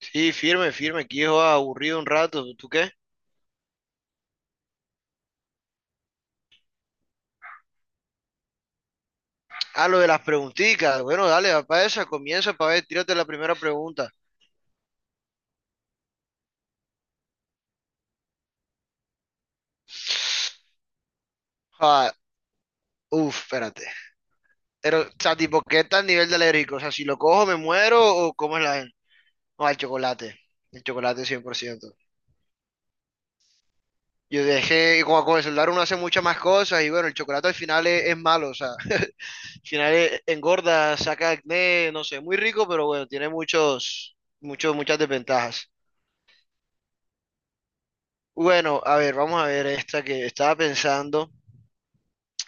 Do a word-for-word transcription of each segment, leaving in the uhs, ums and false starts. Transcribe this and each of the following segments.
Sí, firme, firme, aquí yo aburrido un rato. ¿Tú qué? Ah, lo de las preguntitas. Bueno, dale, va para esa, comienza para ver, tírate la primera pregunta. Ah, uf, espérate. Pero, o sea, tipo, ¿qué tal nivel de alérgico? O sea, si lo cojo, ¿me muero o cómo es la...? No, el chocolate. El chocolate cien por ciento. Yo dejé, como con el celular uno hace muchas más cosas y bueno, el chocolate al final es, es malo, o sea, al final es- engorda, saca acné, no sé, muy rico, pero bueno, tiene muchos, muchos, muchas desventajas. Bueno, a ver, vamos a ver esta que estaba pensando.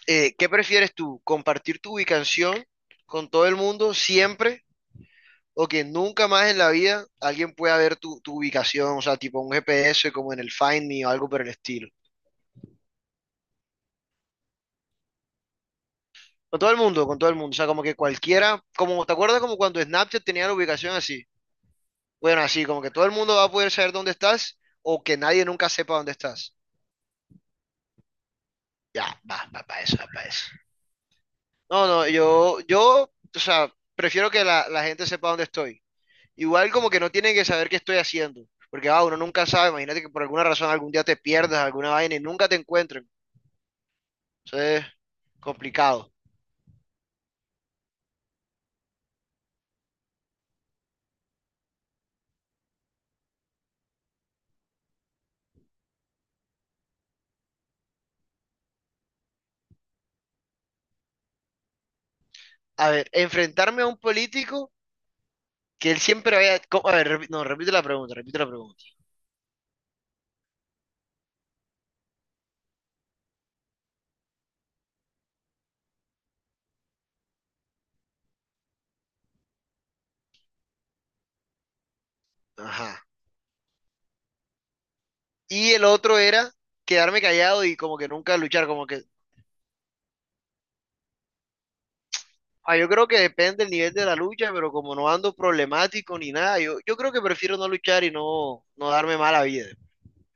Eh, ¿qué prefieres tú? ¿Compartir tu ubicación con todo el mundo siempre o que nunca más en la vida alguien pueda ver tu, tu ubicación? O sea, tipo un G P S como en el Find Me o algo por el estilo. Con todo el mundo, con todo el mundo. O sea, como que cualquiera, como, ¿te acuerdas como cuando Snapchat tenía la ubicación así? Bueno, así, como que todo el mundo va a poder saber dónde estás o que nadie nunca sepa dónde estás. Ya, va, va para eso, va para eso. No, no, yo, yo, o sea, prefiero que la, la gente sepa dónde estoy. Igual como que no tienen que saber qué estoy haciendo, porque ah, uno nunca sabe, imagínate que por alguna razón algún día te pierdas alguna vaina y nunca te encuentren. Entonces, complicado. A ver, enfrentarme a un político que él siempre había... co- a ver, repi- no, repite la pregunta, repite la pregunta. Ajá. Y el otro era quedarme callado y como que nunca luchar, como que... Ah, yo creo que depende del nivel de la lucha, pero como no ando problemático ni nada, yo, yo creo que prefiero no luchar y no, no darme mala vida.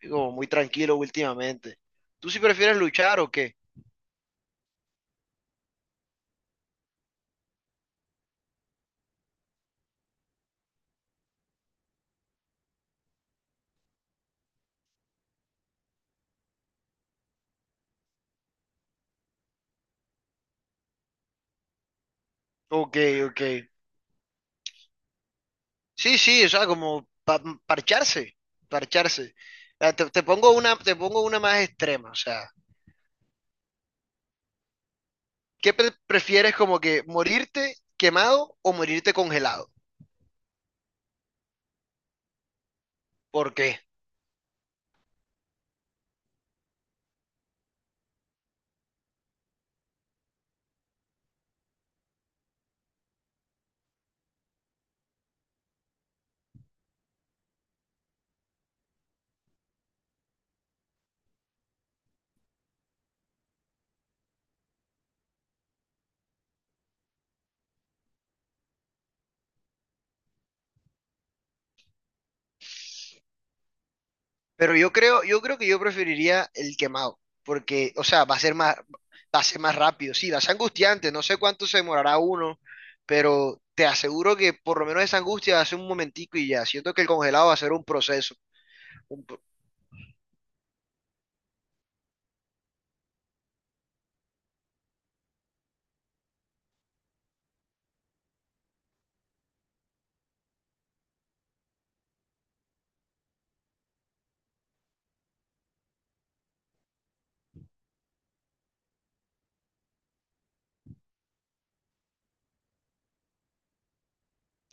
Como muy tranquilo últimamente. ¿Tú sí prefieres luchar o qué? Ok, ok. Sí, sí, o sea, como pa- parcharse, parcharse. Ah, Te, te pongo una, te pongo una más extrema, o sea, ¿qué pre- prefieres como que morirte quemado o morirte congelado? ¿Por qué? Pero yo creo, yo creo que yo preferiría el quemado, porque, o sea, va a ser más, va a ser más rápido. Sí, va a ser angustiante, no sé cuánto se demorará uno, pero te aseguro que por lo menos esa angustia va a ser un momentico y ya. Siento que el congelado va a ser un proceso. Un pro-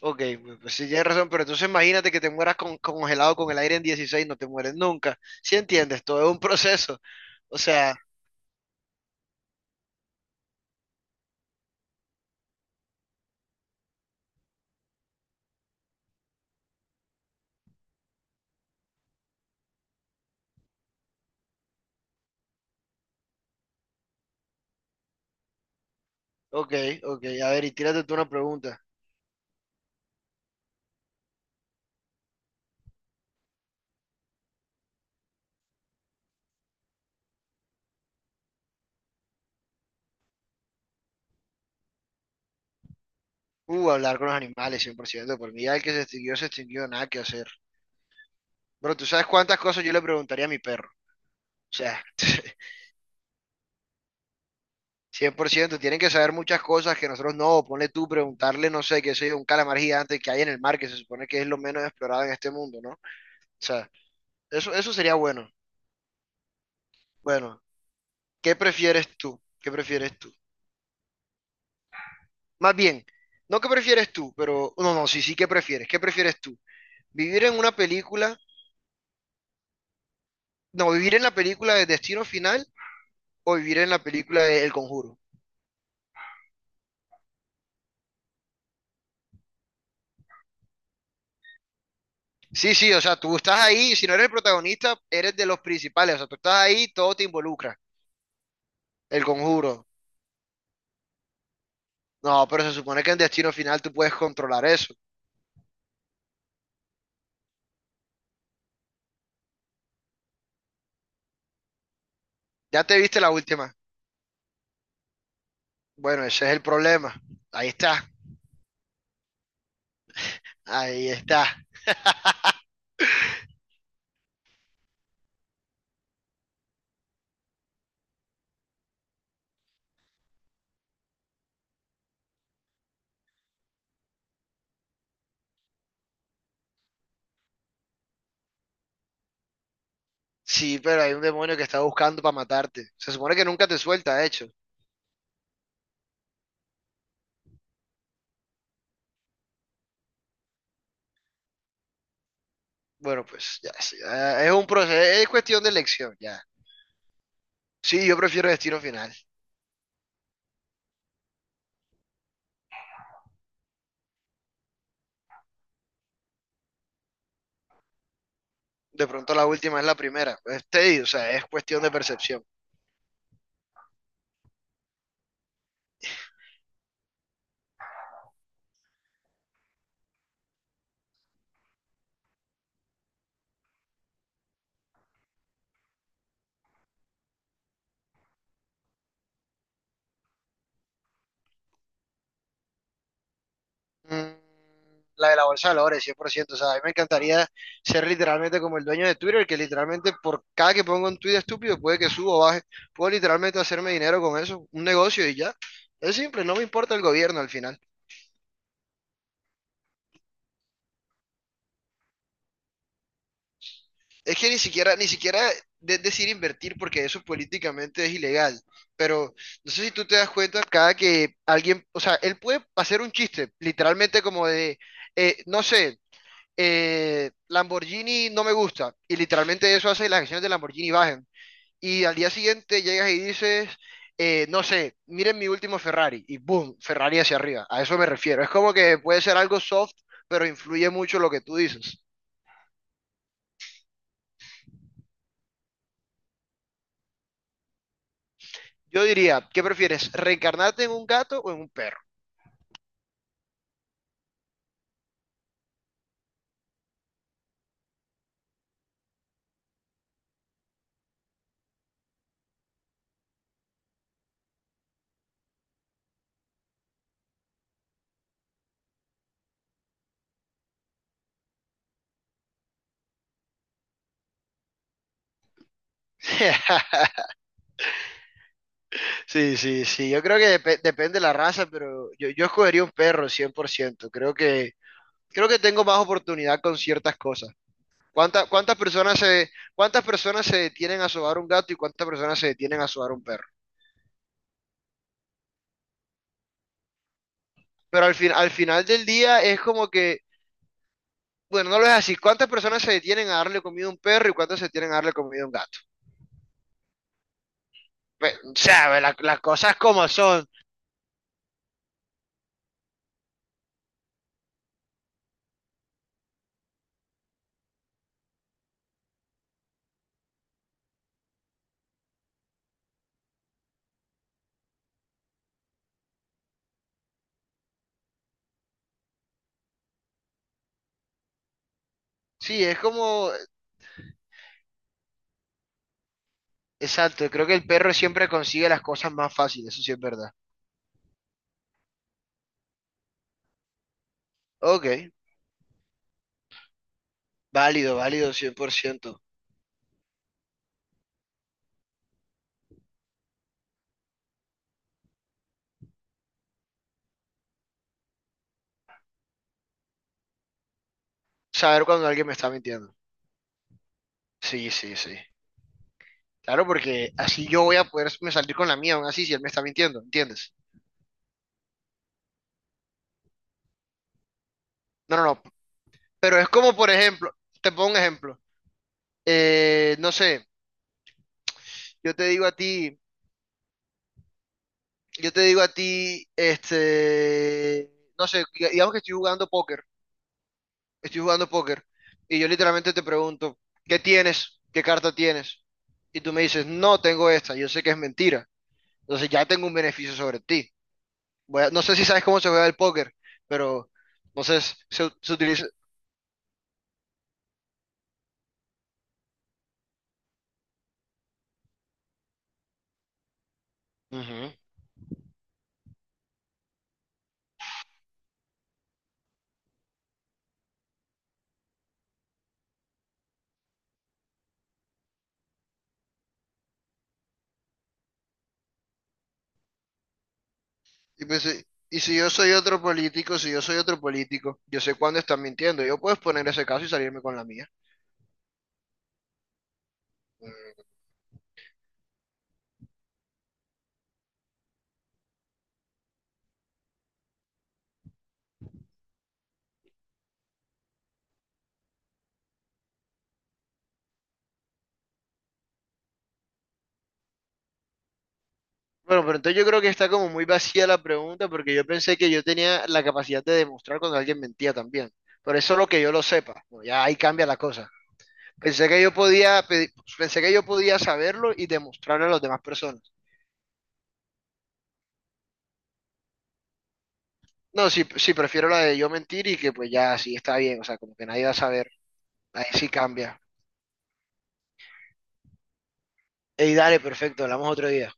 ok, pues sí tienes razón, pero entonces imagínate que te mueras con, congelado con el aire en dieciséis no te mueres nunca. ¿Sí entiendes? Todo es un proceso. O sea, ok, ok, a ver, y tírate tú una pregunta. Uh, hablar con los animales, cien por ciento. Por ciento. Por mí ya el que se extinguió, se extinguió, nada que hacer. Bro, tú sabes cuántas cosas yo le preguntaría a mi perro. O sea, cien por ciento, tienen que saber muchas cosas que nosotros no. Ponle tú, preguntarle, no sé, qué sé yo, un calamar gigante que hay en el mar, que se supone que es lo menos explorado en este mundo, ¿no? O sea, eso, eso sería bueno. Bueno, ¿qué prefieres tú? ¿Qué prefieres tú? Más bien, no qué prefieres tú, pero... No, no, sí, sí, ¿qué prefieres? ¿Qué prefieres tú? ¿Vivir en una película? No, vivir en la película de Destino Final o vivir en la película de El Conjuro. Sí, sí, o sea, tú estás ahí, si no eres el protagonista, eres de los principales, o sea, tú estás ahí, todo te involucra, El Conjuro. No, pero se supone que en Destino Final tú puedes controlar eso. Ya te viste la última. Bueno, ese es el problema. Ahí está, ahí está. Sí, pero hay un demonio que está buscando para matarte. Se supone que nunca te suelta, de hecho. Bueno, pues ya, sí, ya, es un proceso, es cuestión de elección, ya. Sí, yo prefiero Destino Final. De pronto la última es la primera. Es tedioso, o sea, es cuestión de percepción. Mm, La de la bolsa de valores, cien por ciento. O sea, a mí me encantaría ser literalmente como el dueño de Twitter, que literalmente por cada que pongo un tweet estúpido, puede que suba o baje. Puedo literalmente hacerme dinero con eso, un negocio y ya. Es simple, no me importa el gobierno al final. Es que ni siquiera, ni siquiera de- decir invertir porque eso políticamente es ilegal. Pero no sé si tú te das cuenta, cada que alguien, o sea, él puede hacer un chiste, literalmente como de, eh, no sé, eh, Lamborghini no me gusta. Y literalmente eso hace que las acciones de Lamborghini bajen. Y al día siguiente llegas y dices, eh, no sé, miren mi último Ferrari. Y boom, Ferrari hacia arriba. A eso me refiero. Es como que puede ser algo soft, pero influye mucho lo que tú dices. Yo diría, ¿qué prefieres? ¿Reencarnarte en un gato o en un perro? Sí, sí, sí. Yo creo que dep- depende de la raza, pero yo, yo escogería un perro cien por ciento. Creo que, creo que tengo más oportunidad con ciertas cosas. ¿Cuánta- cuántas personas se, cuántas personas se detienen a sobar un gato y cuántas personas se detienen a sobar un perro? Pero al fin, al final del día es como que, bueno, no lo es así. ¿Cuántas personas se detienen a darle comida a un perro y cuántas se detienen a darle comida a un gato? Pe- o sea, ve, la- las cosas como son. Sí, es como, exacto, creo que el perro siempre consigue las cosas más fáciles, eso sí es verdad. Ok, válido, válido, cien por ciento. Saber cuando alguien me está mintiendo. Sí, sí, sí. Claro, porque así yo voy a poder me salir con la mía, aún así, si él me está mintiendo, ¿entiendes? No, no, no. Pero es como, por ejemplo, te pongo un ejemplo. Eh, no sé, yo te digo a ti, yo te digo a ti, este, no sé, diga- digamos que estoy jugando póker, estoy jugando póker, y yo literalmente te pregunto, ¿qué tienes? ¿Qué carta tienes? Y tú me dices, no tengo esta, yo sé que es mentira. Entonces ya tengo un beneficio sobre ti. Voy a- no sé si sabes cómo se juega el póker, pero no sé, se, se utiliza. Y, pues, eh, y si yo soy otro político, si yo soy otro político, yo sé cuándo están mintiendo. Yo puedo exponer ese caso y salirme con la mía. Mm, Bueno, pero entonces yo creo que está como muy vacía la pregunta porque yo pensé que yo tenía la capacidad de demostrar cuando alguien mentía también. Por eso lo que yo lo sepa, bueno, ya ahí cambia la cosa. Pensé que yo podía pedir- pensé que yo podía saberlo y demostrarlo a las demás personas. No, sí, sí, prefiero la de yo mentir y que pues ya sí está bien, o sea, como que nadie va a saber. Ahí sí cambia. Ey, dale, perfecto, hablamos otro día.